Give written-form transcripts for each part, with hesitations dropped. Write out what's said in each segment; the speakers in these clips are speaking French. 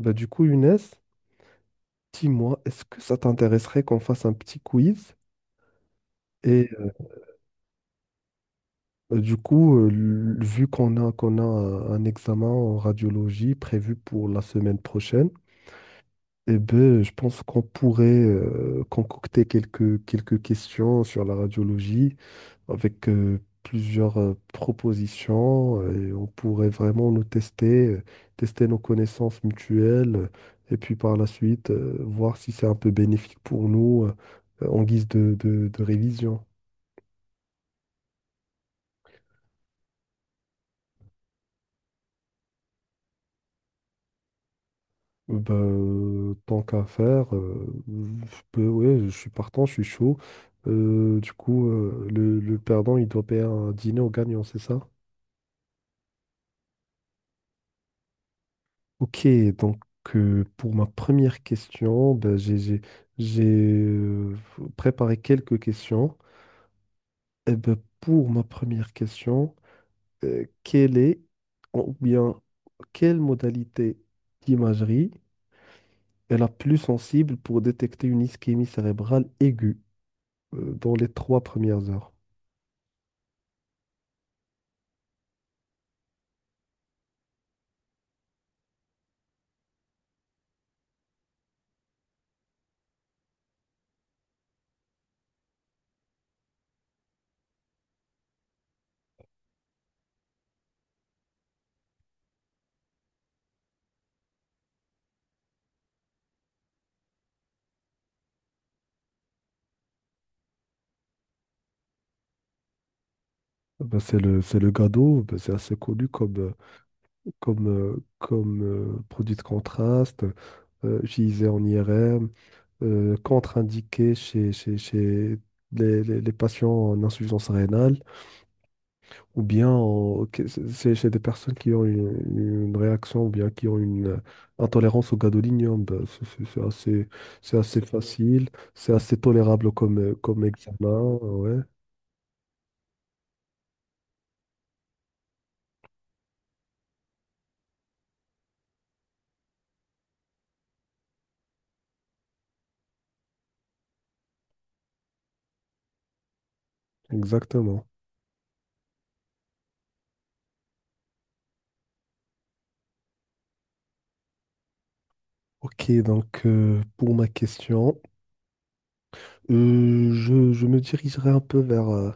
Bah, du coup, Younes, dis-moi, est-ce que ça t'intéresserait qu'on fasse un petit quiz? Et bah, du coup, vu qu'on a un examen en radiologie prévu pour la semaine prochaine, eh ben, je pense qu'on pourrait concocter quelques questions sur la radiologie avec plusieurs propositions et on pourrait vraiment nous tester nos connaissances mutuelles et puis par la suite voir si c'est un peu bénéfique pour nous en guise de révision. Ben tant qu'à faire, ouais, je suis partant, je suis chaud. Du coup, le perdant, il doit payer un dîner au gagnant, c'est ça? Ok, donc pour ma première question, ben, j'ai préparé quelques questions. Et ben, pour ma première question, quelle est ou bien quelle modalité d'imagerie est la plus sensible pour détecter une ischémie cérébrale aiguë dans les trois premières heures? Eh ben, c'est le GADO, ben, c'est assez connu comme produit de contraste, utilisé en IRM, contre-indiqué chez les patients en insuffisance rénale, ou bien c'est chez des personnes qui ont une réaction, ou bien qui ont une intolérance au gadolinium. Ben, c'est assez facile, c'est assez tolérable comme examen. Ouais, exactement. Ok, donc pour ma question, je me dirigerai un peu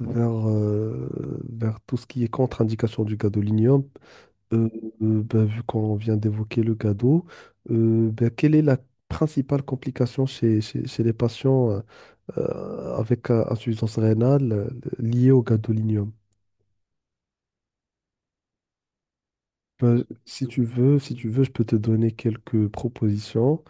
vers, euh, vers tout ce qui est contre-indication du gadolinium. Euh, ben, vu qu'on vient d'évoquer le gado, ben, quelle est la principale complication chez les patients avec insuffisance rénale liée au gadolinium? Ben, si tu veux, si tu veux, je peux te donner quelques propositions.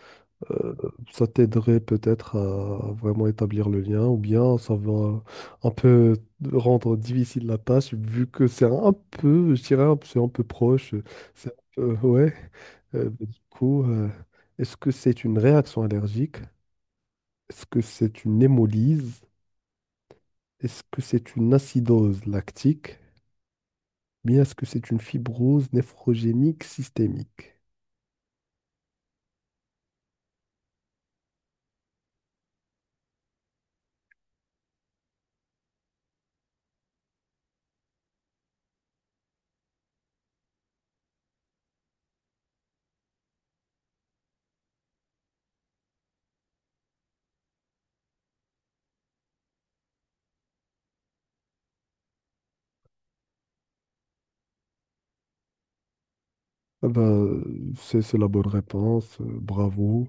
euh, Ça t'aiderait peut-être à vraiment établir le lien, ou bien ça va un peu rendre difficile la tâche, vu que c'est un peu, je dirais, c'est un peu proche, ouais. Bah, du coup, est-ce que c'est une réaction allergique? Est-ce que c'est une hémolyse? Est-ce que c'est une acidose lactique? Bien, est-ce que c'est une fibrose nephrogénique systémique? Ah bah, c'est la bonne réponse, bravo.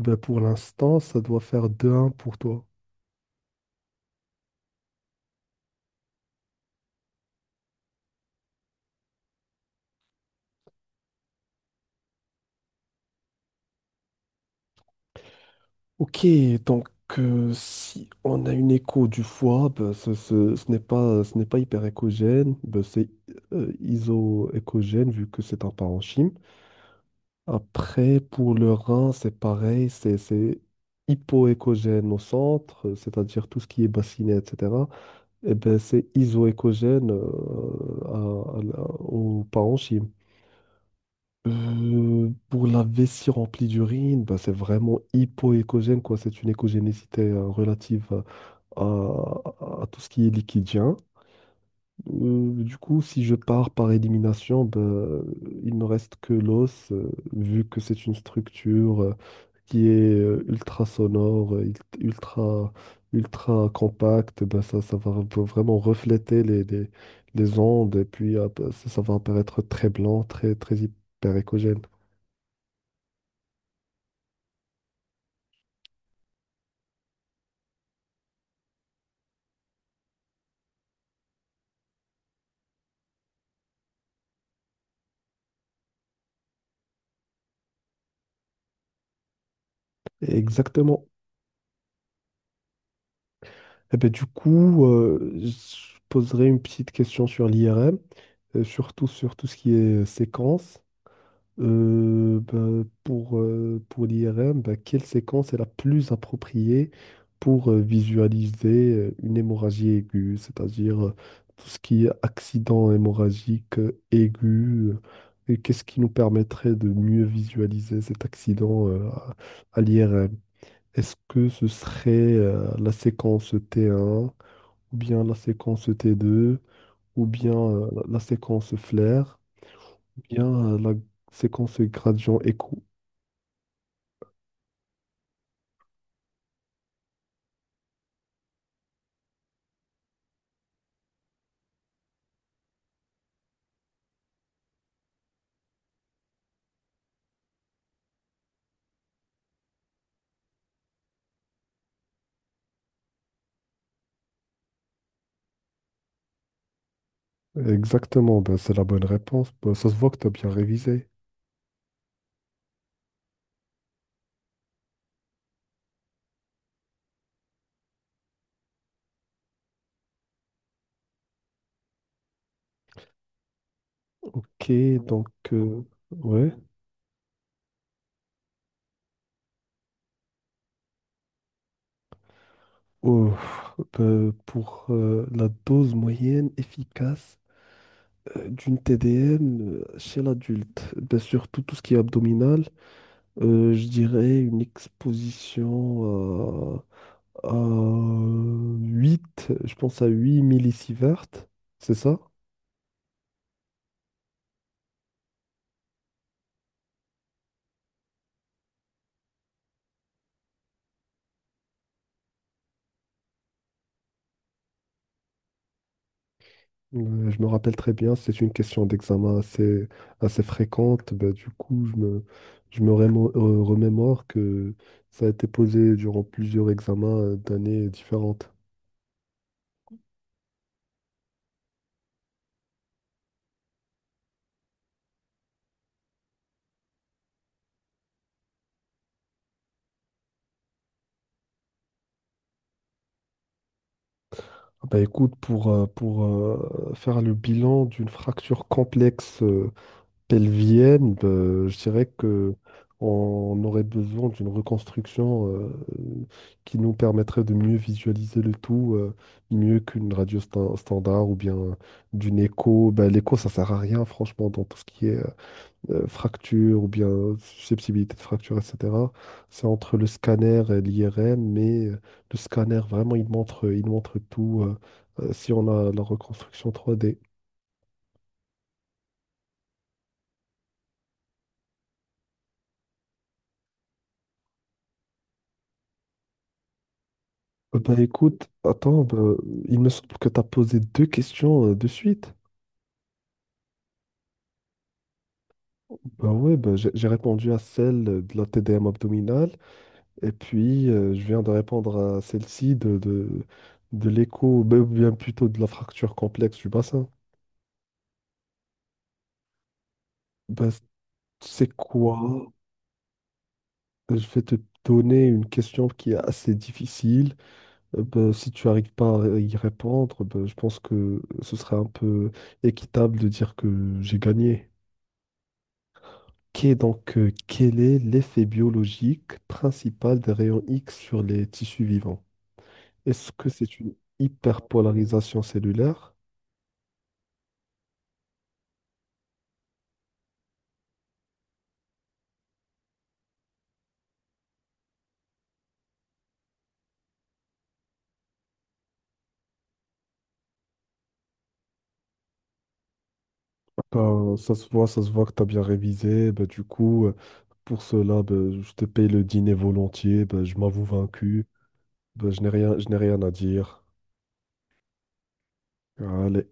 Ben, pour l'instant, ça doit faire deux 1 pour toi. Ok, donc si on a une écho du foie, ben, ce n'est pas hyperéchogène, ben, c'est isoéchogène vu que c'est un parenchyme. Après, pour le rein, c'est pareil, c'est hypoéchogène au centre, c'est-à-dire tout ce qui est bassinet, etc. Et ben, c'est isoéchogène au parenchyme. Pour la vessie remplie d'urine, bah, c'est vraiment hypoécogène, quoi. C'est une écogénécité relative à tout ce qui est liquidien. Du coup, si je pars par élimination, bah, il me reste que l'os, vu que c'est une structure qui est ultra sonore, ultra compacte. Bah, ça va vraiment refléter les ondes et puis ça, ça, va apparaître très blanc, très, très hyper. Exactement. Et ben, du coup, je poserai une petite question sur l'IRM, surtout sur tout ce qui est séquence. Ben, pour l'IRM, ben, quelle séquence est la plus appropriée pour visualiser une hémorragie aiguë, c'est-à-dire tout ce qui est accident hémorragique aigu, et qu'est-ce qui nous permettrait de mieux visualiser cet accident à l'IRM? Est-ce que ce serait la séquence T1, ou bien la séquence T2, ou bien la séquence flair, ou bien la séquence gradient écho? Exactement, ben, c'est la bonne réponse. Ben, ça se voit que tu as bien révisé. Ok, donc, euh, ouais. Oh, ben, pour la dose moyenne efficace d'une TDM chez l'adulte, ben, surtout tout ce qui est abdominal, je dirais une exposition. 8, je pense à 8 millisieverts, c'est ça? Je me rappelle très bien, c'est une question d'examen assez fréquente. Bah, du coup, je me remémore que ça a été posé durant plusieurs examens d'années différentes. Ah bah, écoute, pour faire le bilan d'une fracture complexe pelvienne, ben, je dirais que on aurait besoin d'une reconstruction qui nous permettrait de mieux visualiser le tout, mieux qu'une radio standard ou bien d'une écho. Ben, l'écho, ça sert à rien, franchement, dans tout ce qui est fracture ou bien susceptibilité de fracture, etc. C'est entre le scanner et l'IRM, mais le scanner, vraiment, il montre tout si on a la reconstruction 3D. Bah écoute, attends, bah, il me semble que tu as posé deux questions de suite. Bah ouais, bah, j'ai répondu à celle de la TDM abdominale et puis je viens de répondre à celle-ci de l'écho, bah, ou bien plutôt de la fracture complexe du bassin. Bah, c'est quoi? Je vais te donner une question qui est assez difficile. Bah, si tu n'arrives pas à y répondre, bah, je pense que ce serait un peu équitable de dire que j'ai gagné. Qu'est Donc, quel est l'effet biologique principal des rayons X sur les tissus vivants? Est-ce que c'est une hyperpolarisation cellulaire? Ben, ça se voit que tu as bien révisé. Ben, du coup, pour cela, ben, je te paye le dîner volontiers. Ben, je m'avoue vaincu. Ben, je n'ai rien à dire. Allez.